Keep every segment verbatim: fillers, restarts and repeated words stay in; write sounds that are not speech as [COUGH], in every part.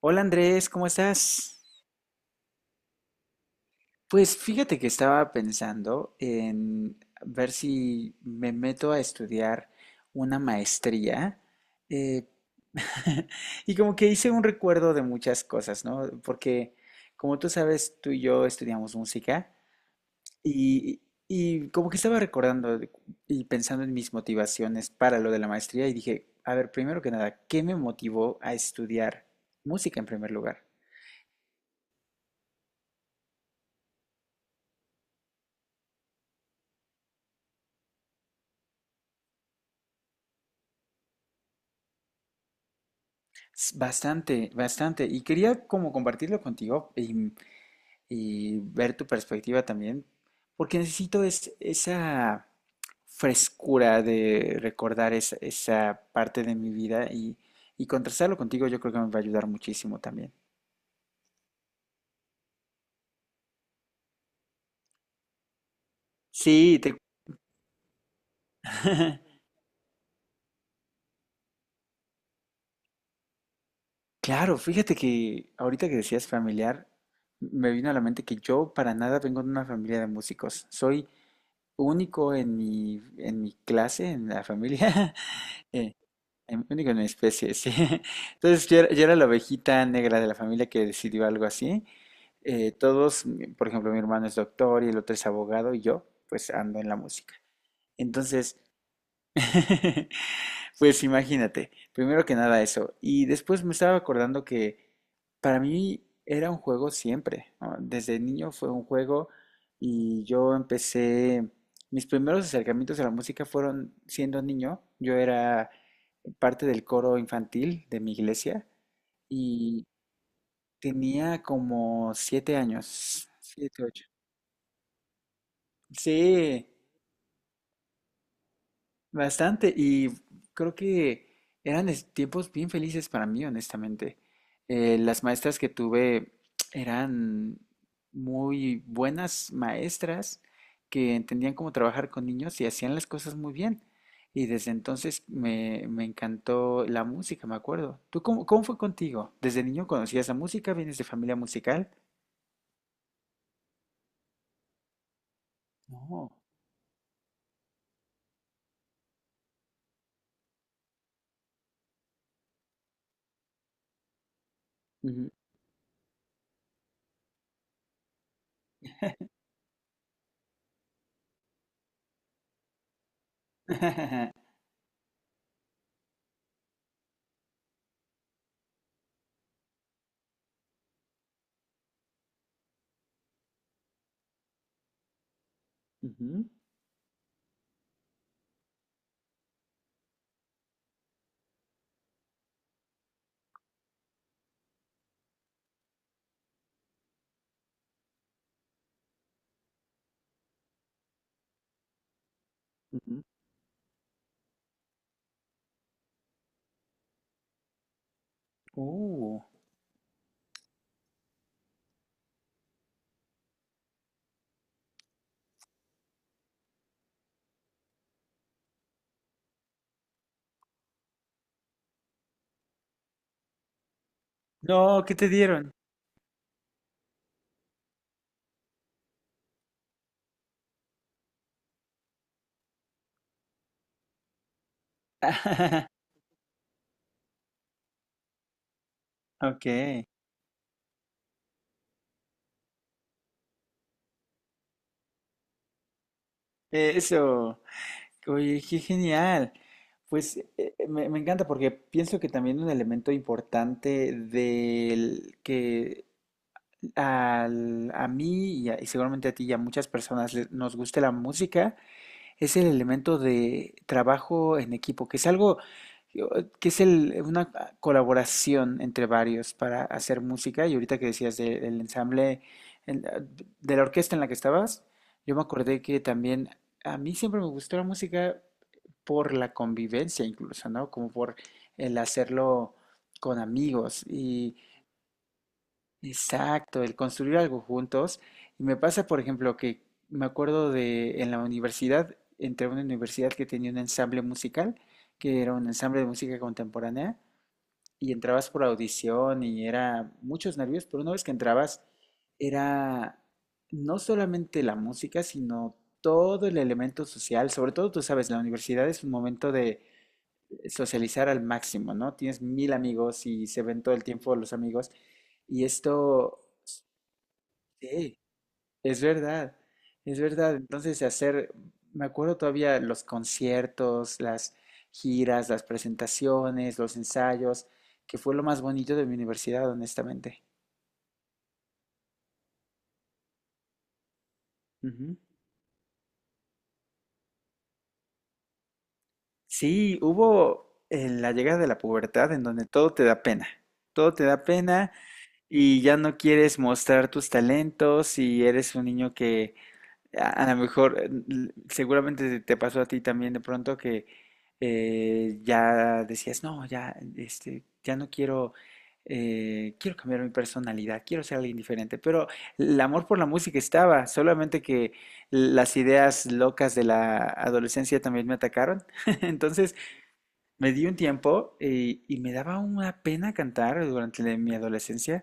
Hola Andrés, ¿cómo estás? Pues fíjate que estaba pensando en ver si me meto a estudiar una maestría, eh, [LAUGHS] y como que hice un recuerdo de muchas cosas, ¿no? Porque como tú sabes, tú y yo estudiamos música y, y como que estaba recordando de- y pensando en mis motivaciones para lo de la maestría y dije, a ver, primero que nada, ¿qué me motivó a estudiar música en primer lugar? S- Bastante, bastante. Y quería como compartirlo contigo y, y ver tu perspectiva también, porque necesito es- esa frescura de recordar esa, esa parte de mi vida y, y contrastarlo contigo yo creo que me va a ayudar muchísimo también. Sí, te... [LAUGHS] Claro, fíjate que ahorita que decías familiar, me vino a la mente que yo para nada vengo de una familia de músicos. Soy único en mi, en mi clase, en la familia. [LAUGHS] Em, Único en mi especie, sí. [LAUGHS] Entonces yo era, yo era la ovejita negra de la familia que decidió algo así. Eh, todos, mi- por ejemplo, mi hermano es doctor y el otro es abogado y yo, pues ando en la música. Entonces, [LAUGHS] pues imagínate, primero que nada eso. Y después me estaba acordando que para mí era un juego siempre, ¿no? Desde niño fue un juego y yo empecé, mis primeros acercamientos a la música fueron siendo niño. Yo era parte del coro infantil de mi iglesia y tenía como siete años, siete, ocho. Sí, bastante, y creo que eran es- tiempos bien felices para mí, honestamente. Eh, las maestras que tuve eran muy buenas maestras que entendían cómo trabajar con niños y hacían las cosas muy bien. Y desde entonces me, me encantó la música, me acuerdo. ¿Tú cómo, cómo fue contigo? ¿Desde niño conocías la música? ¿Vienes de familia musical? No. Ujú. [LAUGHS] Ujú, ujú. Oh. No, ¿qué te dieron? [LAUGHS] Ok, eso, oye, qué genial. Pues eh, me, me encanta porque pienso que también un elemento importante del que al- a mí y, a- y seguramente a ti y a muchas personas le- nos guste la música es el elemento de trabajo en equipo, que es algo que es el- una colaboración entre varios para hacer música. Y ahorita que decías de- del ensamble, en- de la orquesta en la que estabas, yo me acordé que también a mí siempre me gustó la música por la convivencia incluso, ¿no? Como por el hacerlo con amigos. Y exacto, el construir algo juntos. Y me pasa, por ejemplo, que me acuerdo de en la universidad, entré a una universidad que tenía un ensamble musical, que era un ensamble de música contemporánea, y entrabas por audición y era muchos nervios, pero una vez que entrabas, era no solamente la música, sino todo el elemento social. Sobre todo, tú sabes, la universidad es un momento de socializar al máximo, ¿no? Tienes mil amigos y se ven todo el tiempo los amigos. Y esto sí, es verdad, es verdad. Entonces, hacer, me acuerdo todavía los conciertos, las giras, las presentaciones, los ensayos, que fue lo más bonito de mi universidad, honestamente. Ujú. Sí, hubo eh, la llegada de la pubertad en donde todo te da pena, todo te da pena y ya no quieres mostrar tus talentos y eres un niño que A a lo mejor, eh, l- seguramente te te pasó a ti también de pronto que eh, ya decías, no, ya, este, ya no quiero, eh, quiero cambiar mi personalidad, quiero ser alguien diferente. Pero el amor por la música estaba, solamente que las ideas locas de la adolescencia también me atacaron. [LAUGHS] Entonces me di un tiempo y, y me daba una pena cantar durante la- mi adolescencia.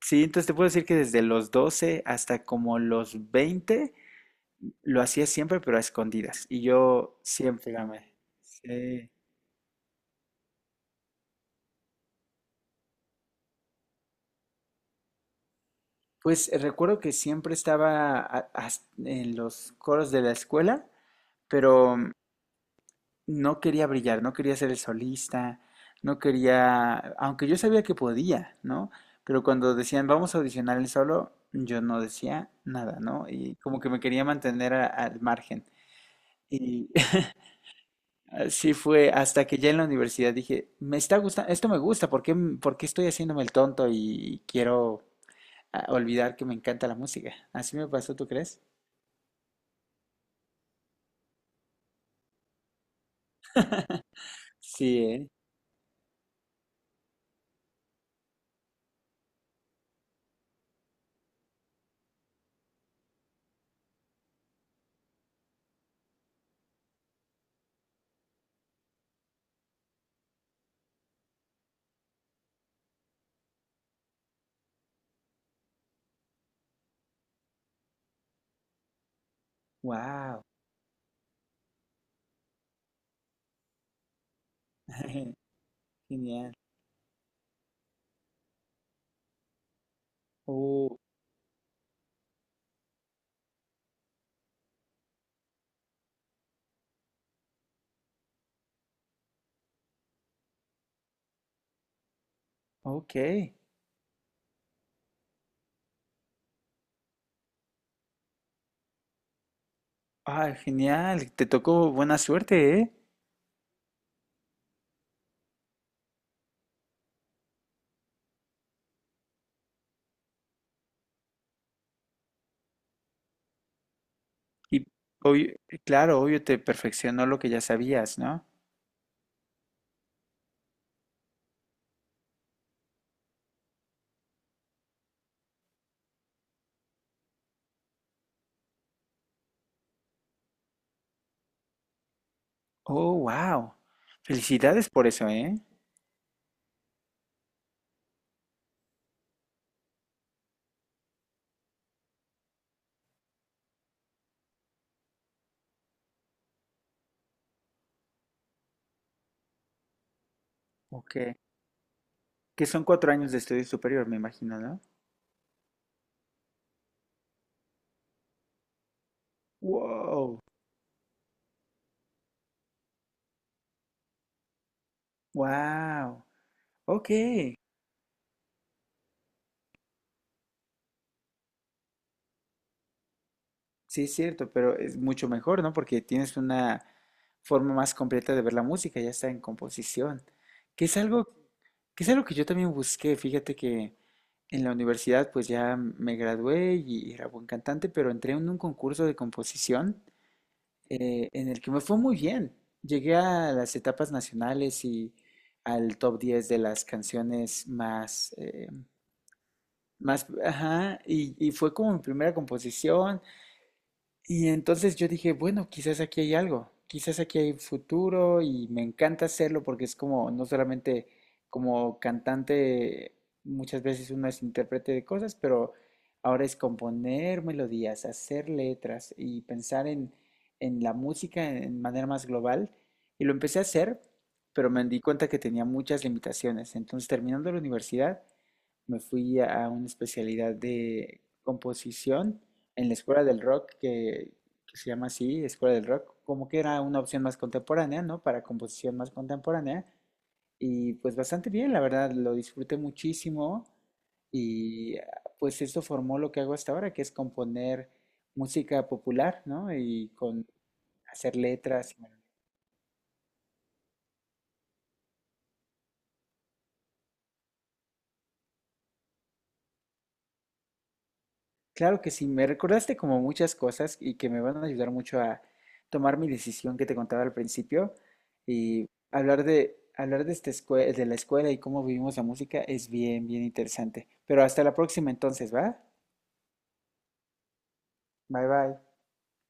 Sí, entonces te puedo decir que desde los doce hasta como los veinte lo hacía siempre, pero a escondidas. Y yo siempre gané. Sí. Pues eh, recuerdo que siempre estaba a- as- en los coros de la escuela, pero mm, no quería brillar, no quería ser el solista, no quería, aunque yo sabía que podía, ¿no? Pero cuando decían, vamos a audicionar el solo, yo no decía nada, ¿no? Y como que me quería mantener a- al margen. Y así fue, hasta que ya en la universidad dije, me está gustando, esto me gusta, ¿por qué, m- por qué estoy haciéndome el tonto y quiero, ah, olvidar que me encanta la música? Así me pasó, ¿tú crees? Sí, ¿eh? Wow, [LAUGHS] genial. Oh, ok. Ah, genial, te tocó buena suerte, ¿eh? Y obvio- claro, obvio te perfeccionó lo que ya sabías, ¿no? Oh, wow. Felicidades por eso, ¿eh? Ok. Que son cuatro años de estudio superior, me imagino, ¿no? Wow. Wow, ok, sí es cierto, pero es mucho mejor, ¿no? Porque tienes una forma más completa de ver la música, ya está en composición, que es algo, que es algo que yo también busqué. Fíjate que en la universidad, pues ya me gradué y era buen cantante, pero entré en un concurso de composición eh, en el que me fue muy bien. Llegué a las etapas nacionales y al top diez de las canciones más, eh, más, ajá, y, y fue como mi primera composición. Y entonces yo dije, bueno, quizás aquí hay algo, quizás aquí hay futuro y me encanta hacerlo porque es como, no solamente como cantante, muchas veces uno es intérprete de cosas, pero ahora es componer melodías, hacer letras y pensar en, en la música en, en manera más global. Y lo empecé a hacer, pero me di cuenta que tenía muchas limitaciones. Entonces, terminando la universidad, me fui a una especialidad de composición en la Escuela del Rock, que, que se llama así, Escuela del Rock, como que era una opción más contemporánea, ¿no? Para composición más contemporánea. Y pues bastante bien, la verdad, lo disfruté muchísimo y ah, pues esto formó lo que hago hasta ahora, que es componer música popular, ¿no? Y con hacer letras. Claro que sí, me recordaste como muchas cosas y que me van a ayudar mucho a tomar mi decisión que te contaba al principio y hablar de hablar de esta escue- de la escuela y cómo vivimos la música es bien, bien interesante. Pero hasta la próxima entonces, ¿va? Bye bye.